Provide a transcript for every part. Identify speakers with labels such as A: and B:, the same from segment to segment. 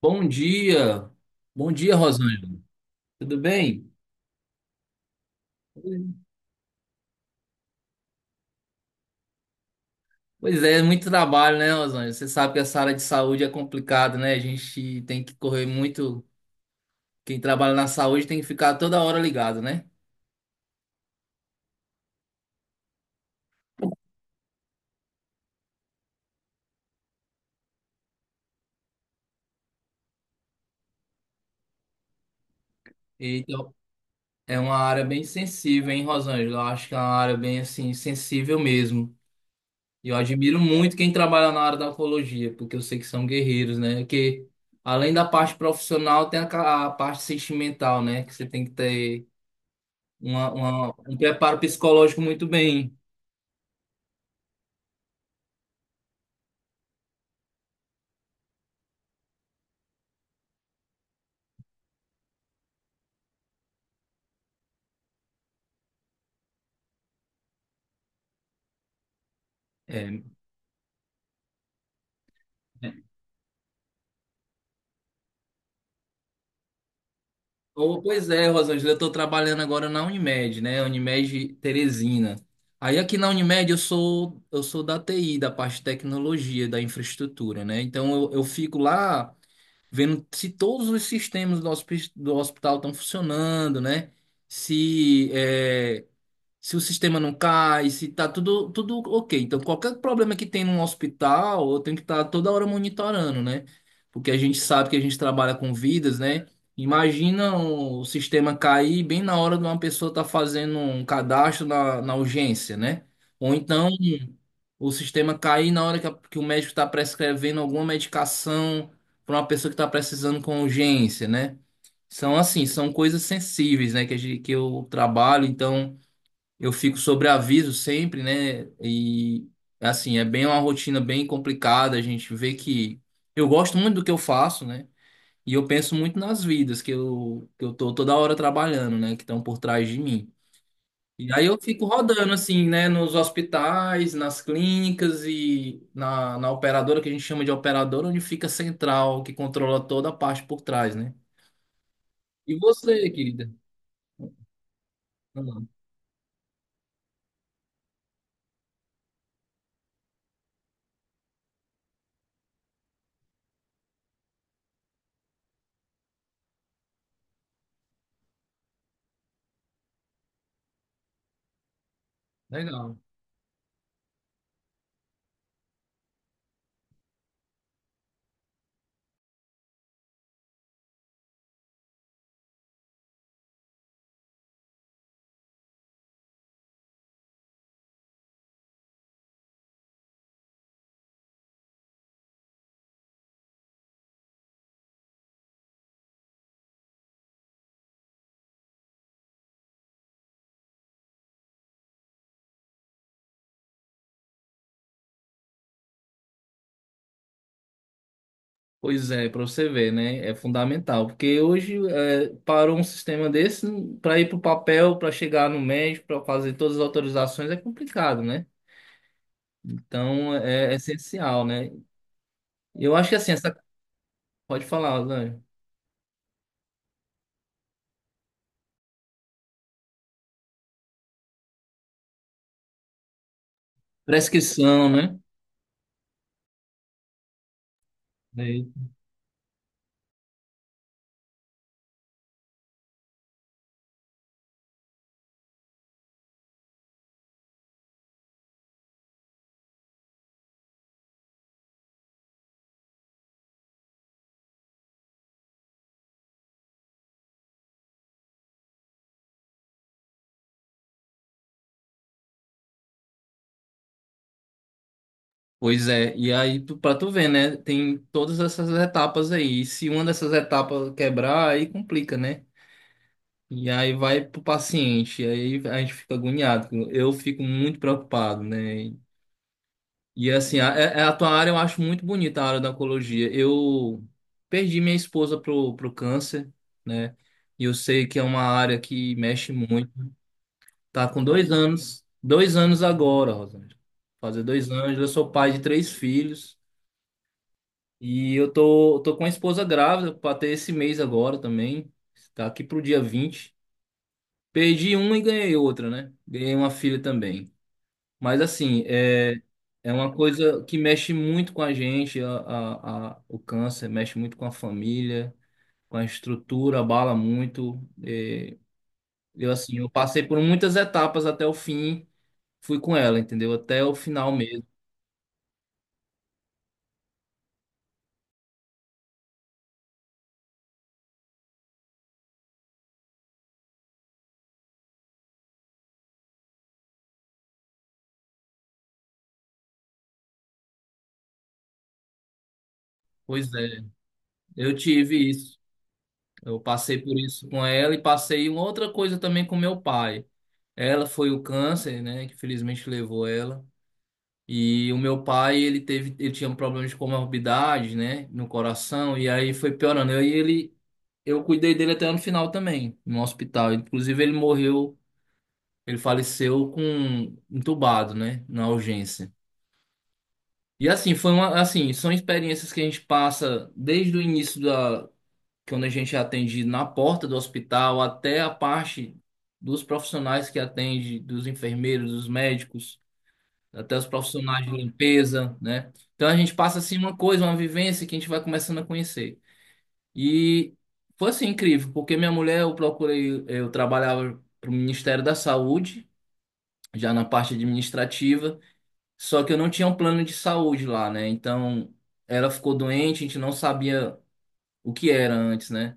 A: Bom dia, bom dia, Rosângela. Tudo bem? Pois é, muito trabalho, né, Rosângela? Você sabe que essa área de saúde é complicada, né? A gente tem que correr muito. Quem trabalha na saúde tem que ficar toda hora ligado, né? Então, é uma área bem sensível, hein, Rosângela? Eu acho que é uma área bem, assim, sensível mesmo. E eu admiro muito quem trabalha na área da oncologia, porque eu sei que são guerreiros, né? Porque além da parte profissional, tem a parte sentimental, né? Que você tem que ter. Uma- um preparo psicológico muito bem. É, é. Oh, pois é, Rosângela, eu estou trabalhando agora na Unimed, né? Unimed Teresina. Aí aqui na Unimed eu sou da TI, da parte de tecnologia, da infraestrutura, né? Então eu fico lá vendo se todos os sistemas do hospital estão funcionando, né? Se é, se o sistema não cai, se tá tudo ok. Então, qualquer problema que tem num hospital, eu tenho que estar toda hora monitorando, né? Porque a gente sabe que a gente trabalha com vidas, né? Imagina o sistema cair bem na hora de uma pessoa estar fazendo um cadastro na urgência, né? Ou então o sistema cair na hora que o médico está prescrevendo alguma medicação para uma pessoa que está precisando com urgência, né? São assim, são coisas sensíveis, né? Que, a gente, que eu trabalho, então. Eu fico sobre aviso sempre, né? E assim, é bem uma rotina bem complicada. A gente vê que eu gosto muito do que eu faço, né? E eu penso muito nas vidas que eu tô toda hora trabalhando, né? Que estão por trás de mim. E aí eu fico rodando, assim, né? Nos hospitais, nas clínicas e na operadora, que a gente chama de operadora, onde fica a central, que controla toda a parte por trás, né? E você, querida? Ah, legal. Pois é, para você ver, né? É fundamental, porque hoje é, parou um sistema desse para ir para o papel, para chegar no médico, para fazer todas as autorizações é complicado, né? Então é, é essencial, né? Eu acho que assim, essa pode falar, Lange. Prescrição, né? É. Pois é, e aí tu, para tu ver, né? Tem todas essas etapas aí. E se uma dessas etapas quebrar, aí complica, né? E aí vai pro paciente, aí a gente fica agoniado. Eu fico muito preocupado, né? E assim, é, a tua área eu acho muito bonita, a área da oncologia. Eu perdi minha esposa pro câncer, né? E eu sei que é uma área que mexe muito. Tá com dois anos agora, Rosângela. Fazer dois anos, eu sou pai de três filhos. E eu tô com a esposa grávida para ter esse mês agora também. Tá aqui pro dia vinte. Perdi uma e ganhei outra, né? Ganhei uma filha também. Mas assim, é, é uma coisa que mexe muito com a gente, o câncer, mexe muito com a família, com a estrutura, abala muito. É, eu assim, eu passei por muitas etapas até o fim, fui com ela, entendeu? Até o final mesmo. Pois é, eu tive isso. Eu passei por isso com ela e passei uma outra coisa também com meu pai. Ela foi o câncer, né, que felizmente levou ela. E o meu pai, ele teve, ele tinha problemas de comorbidades, né, no coração, e aí foi piorando. Eu, e ele, eu cuidei dele até no final também, no hospital. Inclusive, ele morreu, ele faleceu com um entubado, né, na urgência. E assim, foi uma, assim, são experiências que a gente passa desde o início da, quando a gente é atendido na porta do hospital até a parte dos profissionais que atende, dos enfermeiros, dos médicos, até os profissionais de limpeza, né? Então a gente passa assim uma coisa, uma vivência que a gente vai começando a conhecer. E foi assim incrível, porque minha mulher eu procurei, eu trabalhava para o Ministério da Saúde, já na parte administrativa, só que eu não tinha um plano de saúde lá, né? Então ela ficou doente, a gente não sabia o que era antes, né?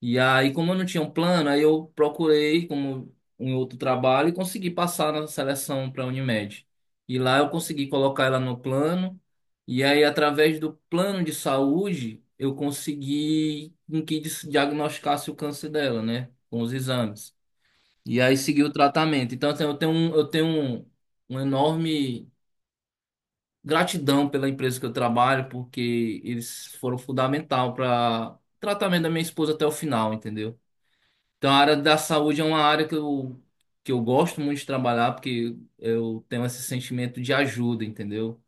A: E aí, como eu não tinha um plano, aí eu procurei como um outro trabalho e consegui passar na seleção para a Unimed. E lá eu consegui colocar ela no plano. E aí, através do plano de saúde, eu consegui em que diagnosticasse o câncer dela, né? Com os exames. E aí segui o tratamento. Então, assim, eu tenho um, uma enorme gratidão pela empresa que eu trabalho, porque eles foram fundamental para tratamento da minha esposa até o final, entendeu? Então, a área da saúde é uma área que eu gosto muito de trabalhar, porque eu tenho esse sentimento de ajuda, entendeu?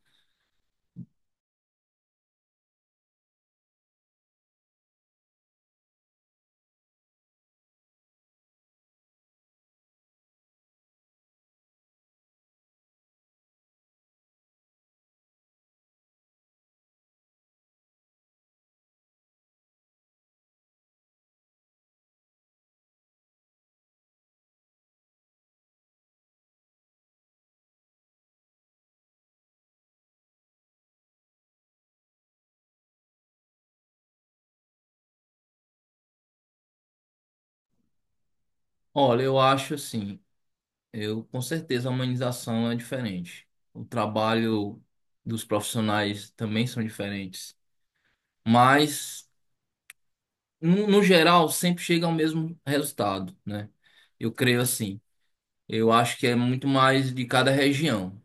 A: Olha, eu acho assim, eu com certeza a humanização é diferente. O trabalho dos profissionais também são diferentes. Mas, no geral, sempre chega ao mesmo resultado, né? Eu creio assim. Eu acho que é muito mais de cada região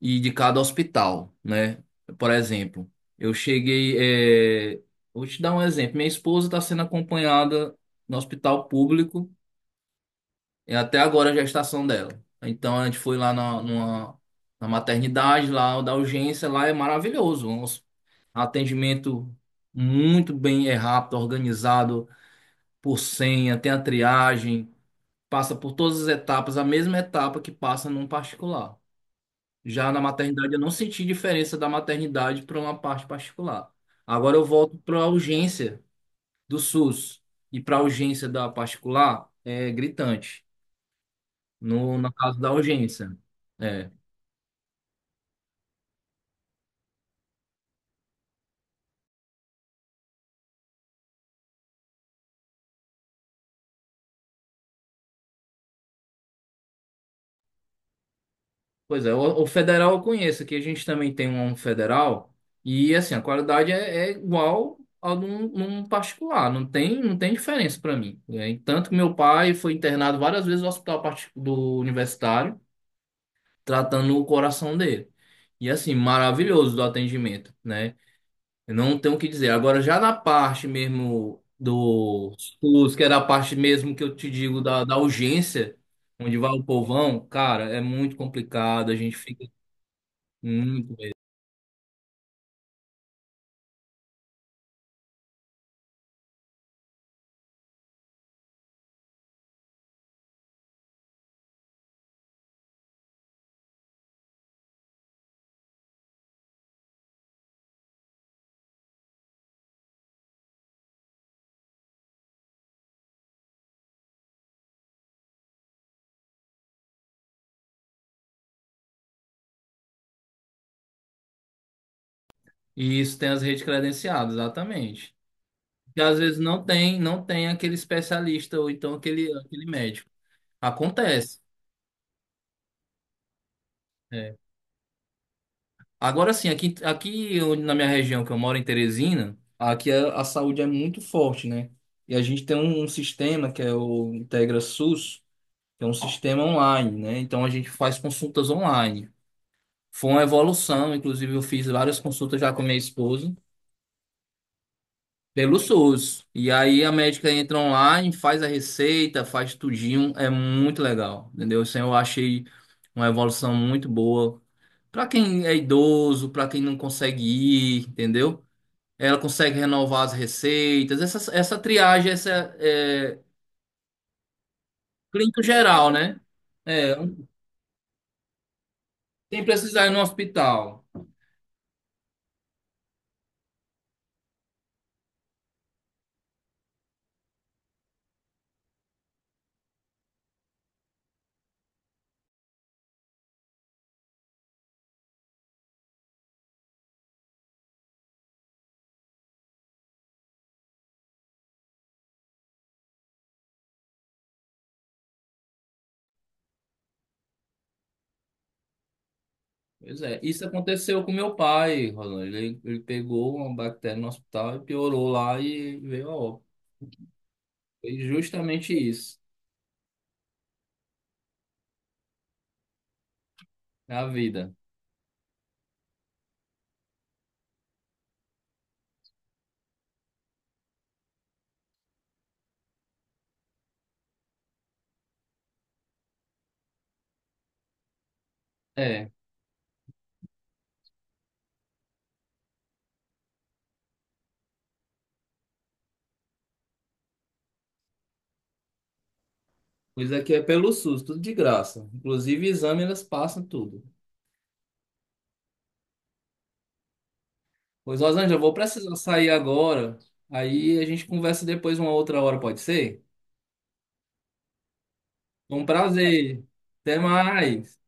A: e de cada hospital, né? Por exemplo, eu cheguei, é, vou te dar um exemplo. Minha esposa está sendo acompanhada no hospital público e até agora a gestação dela. Então a gente foi lá na maternidade, lá da urgência, lá é maravilhoso. Um atendimento muito bem, é rápido, organizado por senha, tem a triagem, passa por todas as etapas, a mesma etapa que passa num particular. Já na maternidade, eu não senti diferença da maternidade para uma parte particular. Agora eu volto para a urgência do SUS e para a urgência da particular, é gritante. No caso da urgência. É. Pois é, o federal eu conheço, que a gente também tem um federal, e assim, a qualidade é, é igual a num particular, não tem, não tem diferença para mim. É, e tanto que meu pai foi internado várias vezes no hospital do universitário, tratando o coração dele. E assim, maravilhoso do atendimento, né? Eu não tenho o que dizer. Agora, já na parte mesmo do SUS, que era a parte mesmo que eu te digo da urgência, onde vai o povão, cara, é muito complicado, a gente fica muito. E isso tem as redes credenciadas, exatamente. Que às vezes não tem, não tem aquele especialista ou então aquele, aquele médico. Acontece, né? Agora sim, aqui, na minha região que eu moro, em Teresina, aqui a saúde é muito forte, né? E a gente tem um sistema que é o Integra SUS, que é um sistema online, né? Então a gente faz consultas online. Foi uma evolução, inclusive eu fiz várias consultas já com minha esposa pelo SUS. E aí a médica entra online, faz a receita, faz tudinho, é muito legal, entendeu? Isso eu achei uma evolução muito boa. Pra quem é idoso, pra quem não consegue ir, entendeu? Ela consegue renovar as receitas, essa triagem, essa é, clínico geral, né? É, sem precisar ir no hospital. Pois é, isso aconteceu com meu pai, Rolando. Ele pegou uma bactéria no hospital e piorou lá e veio a óbito. Foi justamente isso, é a vida. É, pois aqui é pelo SUS, tudo de graça. Inclusive exame, elas passam tudo. Pois, Rosângela, eu vou precisar sair agora. Aí a gente conversa depois uma outra hora, pode ser? Um prazer. Até mais.